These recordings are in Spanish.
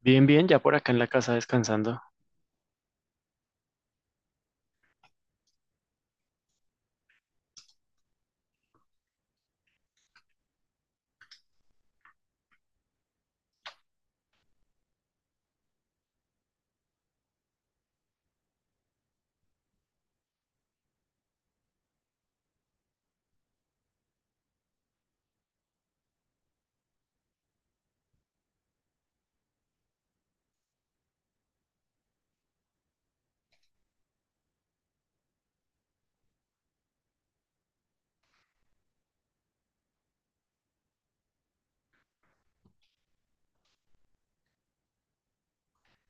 Bien, bien, ya por acá en la casa descansando.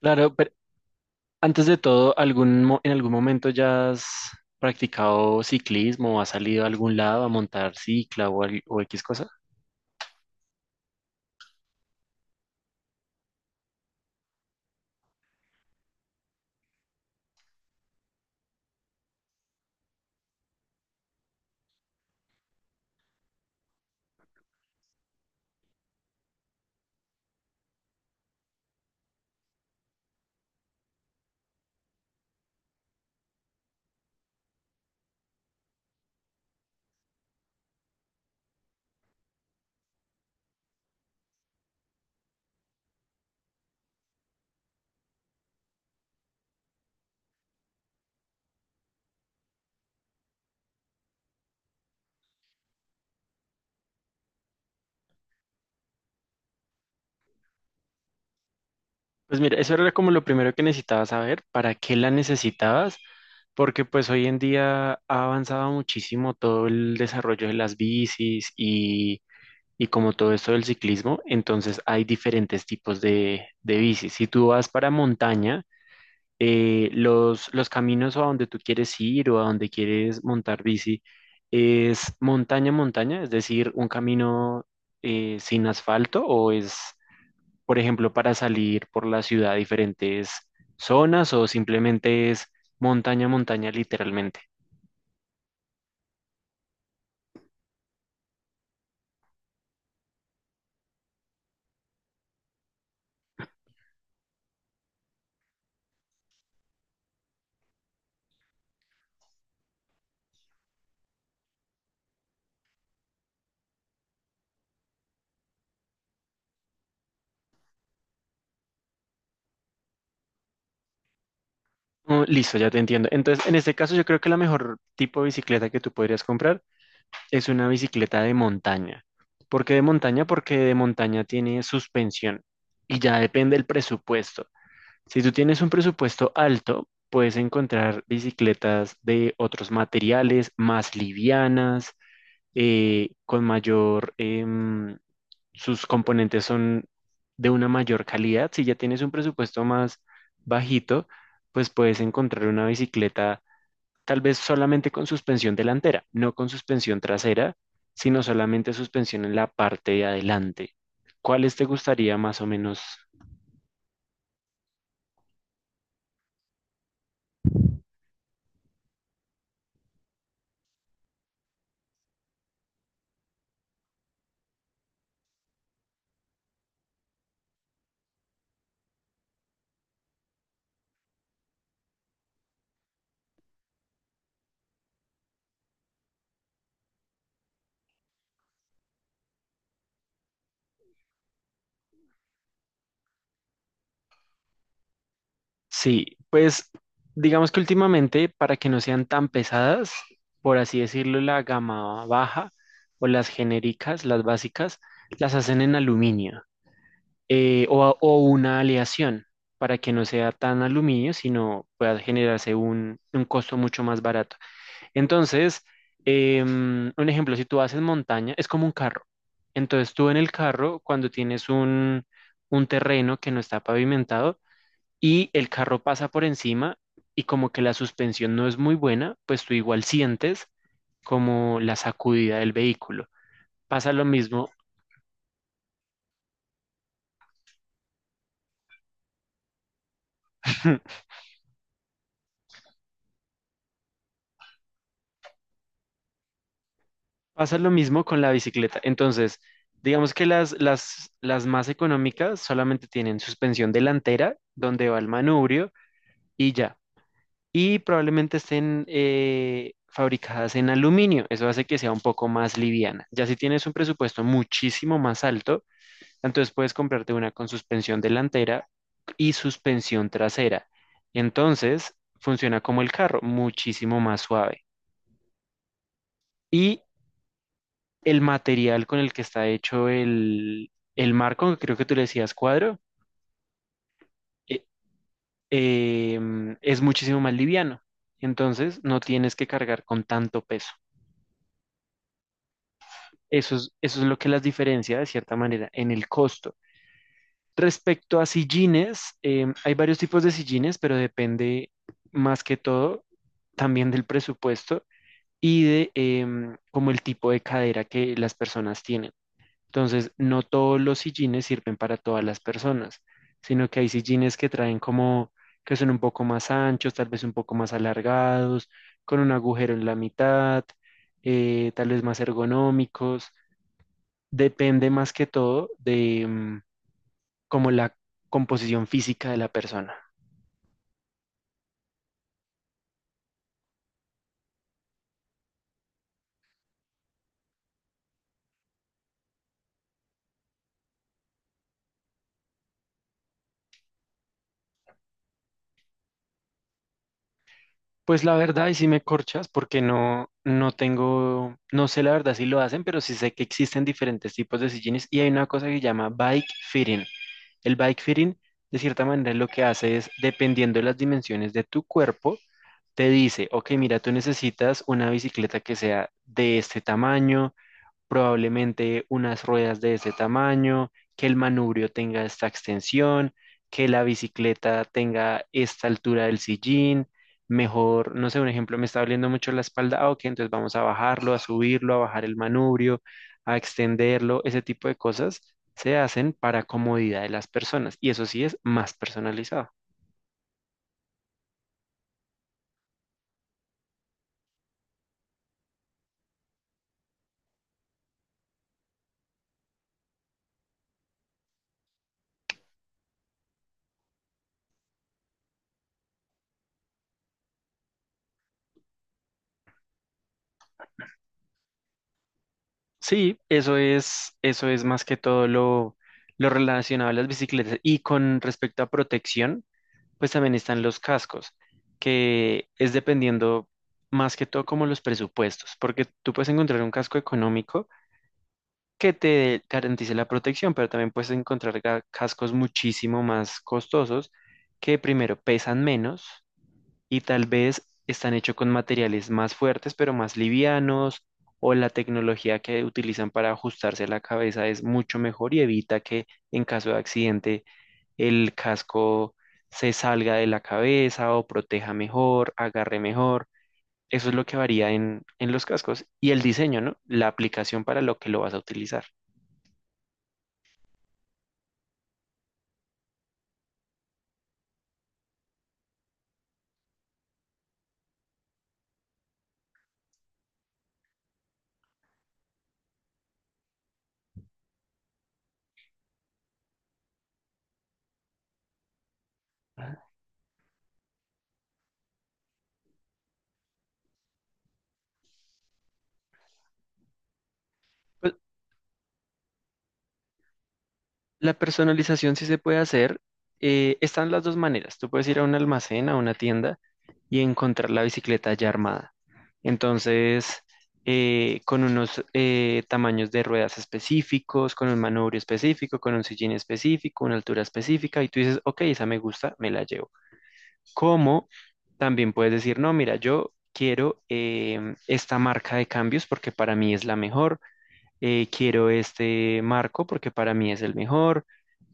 Claro, pero antes de todo, ¿ en algún momento ya has practicado ciclismo o has salido a algún lado a montar cicla o X cosa? Pues mira, eso era como lo primero que necesitaba saber, para qué la necesitabas, porque pues hoy en día ha avanzado muchísimo todo el desarrollo de las bicis y como todo esto del ciclismo, entonces hay diferentes tipos de bicis. Si tú vas para montaña, los caminos a donde tú quieres ir o a donde quieres montar bici es montaña, montaña, es decir, un camino sin asfalto o, por ejemplo, para salir por la ciudad a diferentes zonas o simplemente es montaña, montaña literalmente. Oh, listo, ya te entiendo. Entonces, en este caso, yo creo que la mejor tipo de bicicleta que tú podrías comprar es una bicicleta de montaña. ¿Por qué de montaña? Porque de montaña tiene suspensión y ya depende el presupuesto. Si tú tienes un presupuesto alto, puedes encontrar bicicletas de otros materiales, más livianas, con mayor, sus componentes son de una mayor calidad. Si ya tienes un presupuesto más bajito, pues puedes encontrar una bicicleta tal vez solamente con suspensión delantera, no con suspensión trasera, sino solamente suspensión en la parte de adelante. ¿Cuáles te gustaría más o menos? Sí, pues digamos que últimamente, para que no sean tan pesadas, por así decirlo, la gama baja o las genéricas, las básicas, las hacen en aluminio, o una aleación para que no sea tan aluminio, sino pueda generarse un costo mucho más barato. Entonces, un ejemplo, si tú haces montaña, es como un carro. Entonces tú en el carro, cuando tienes un terreno que no está pavimentado, y el carro pasa por encima y como que la suspensión no es muy buena, pues tú igual sientes como la sacudida del vehículo. Pasa lo mismo, pasa lo mismo con la bicicleta. Entonces, digamos que las más económicas solamente tienen suspensión delantera, donde va el manubrio y ya. Y probablemente estén fabricadas en aluminio. Eso hace que sea un poco más liviana. Ya si tienes un presupuesto muchísimo más alto, entonces puedes comprarte una con suspensión delantera y suspensión trasera. Entonces funciona como el carro, muchísimo más suave. Y el material con el que está hecho el marco, que creo que tú le decías cuadro, e- es muchísimo más liviano. Entonces no tienes que cargar con tanto peso. Eso es lo que las diferencia de cierta manera en el costo. Respecto a sillines, hay varios tipos de sillines, pero depende más que todo también del presupuesto y de como el tipo de cadera que las personas tienen. Entonces, no todos los sillines sirven para todas las personas, sino que hay sillines que traen como que son un poco más anchos, tal vez un poco más alargados, con un agujero en la mitad, tal vez más ergonómicos. Depende más que todo de, como la composición física de la persona. Pues la verdad, y si me corchas, porque no tengo, no sé la verdad si lo hacen, pero sí sé que existen diferentes tipos de sillines y hay una cosa que se llama bike fitting. El bike fitting, de cierta manera, lo que hace es, dependiendo de las dimensiones de tu cuerpo, te dice, ok, mira, tú necesitas una bicicleta que sea de este tamaño, probablemente unas ruedas de ese tamaño, que el manubrio tenga esta extensión, que la bicicleta tenga esta altura del sillín, mejor, no sé, un ejemplo, me está doliendo mucho la espalda, ah, ok, entonces vamos a bajarlo, a subirlo, a bajar el manubrio, a extenderlo, ese tipo de cosas se hacen para comodidad de las personas y eso sí es más personalizado. Sí, eso es más que todo lo relacionado a las bicicletas. Y con respecto a protección, pues también están los cascos, que es dependiendo más que todo como los presupuestos, porque tú puedes encontrar un casco económico que te garantice la protección, pero también puedes encontrar cascos muchísimo más costosos que primero pesan menos y tal vez están hechos con materiales más fuertes, pero más livianos, o la tecnología que utilizan para ajustarse a la cabeza es mucho mejor y evita que en caso de accidente el casco se salga de la cabeza o proteja mejor, agarre mejor. Eso es lo que varía en los cascos y el diseño, ¿no? La aplicación para lo que lo vas a utilizar. Pues, la personalización sí se puede hacer. Están las dos maneras. Tú puedes ir a un almacén, a una tienda y encontrar la bicicleta ya armada. Entonces, con unos tamaños de ruedas específicos, con un manubrio específico, con un sillín específico, una altura específica, y tú dices, ok, esa me gusta, me la llevo. Como también puedes decir, no, mira, yo quiero esta marca de cambios porque para mí es la mejor, quiero este marco porque para mí es el mejor,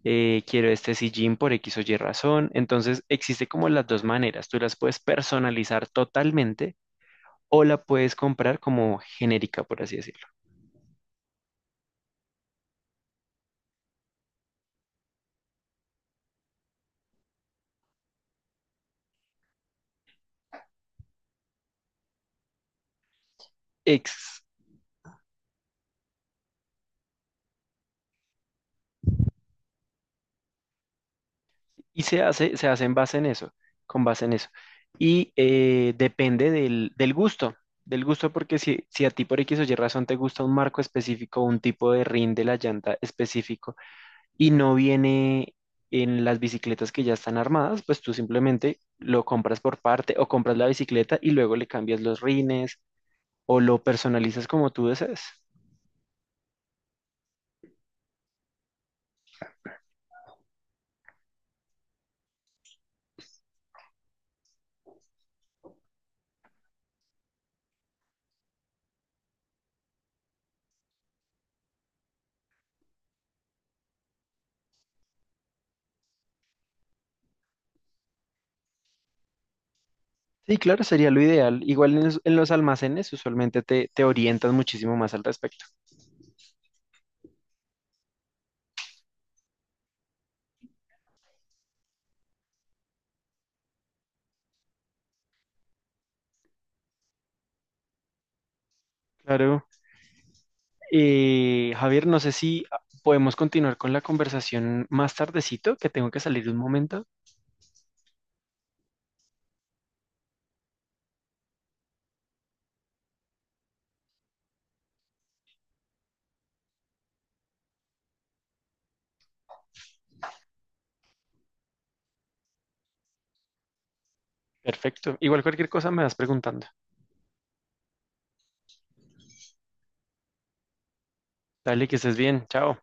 quiero este sillín por X o Y razón. Entonces, existe como las dos maneras, tú las puedes personalizar totalmente o la puedes comprar como genérica, por así decirlo. Ex- Y se hace en base en eso, con base en eso. Y depende del gusto porque si a ti por X o Y razón te gusta un marco específico, un tipo de rin de la llanta específico y no viene en las bicicletas que ya están armadas, pues tú simplemente lo compras por parte o compras la bicicleta y luego le cambias los rines o lo personalizas como tú desees. Sí, claro, sería lo ideal. Igual en en los almacenes usualmente te orientan muchísimo más al respecto. Claro. Javier, no sé si podemos continuar con la conversación más tardecito, que tengo que salir un momento. Perfecto. Igual cualquier cosa me vas preguntando. Dale, que estés bien. Chao.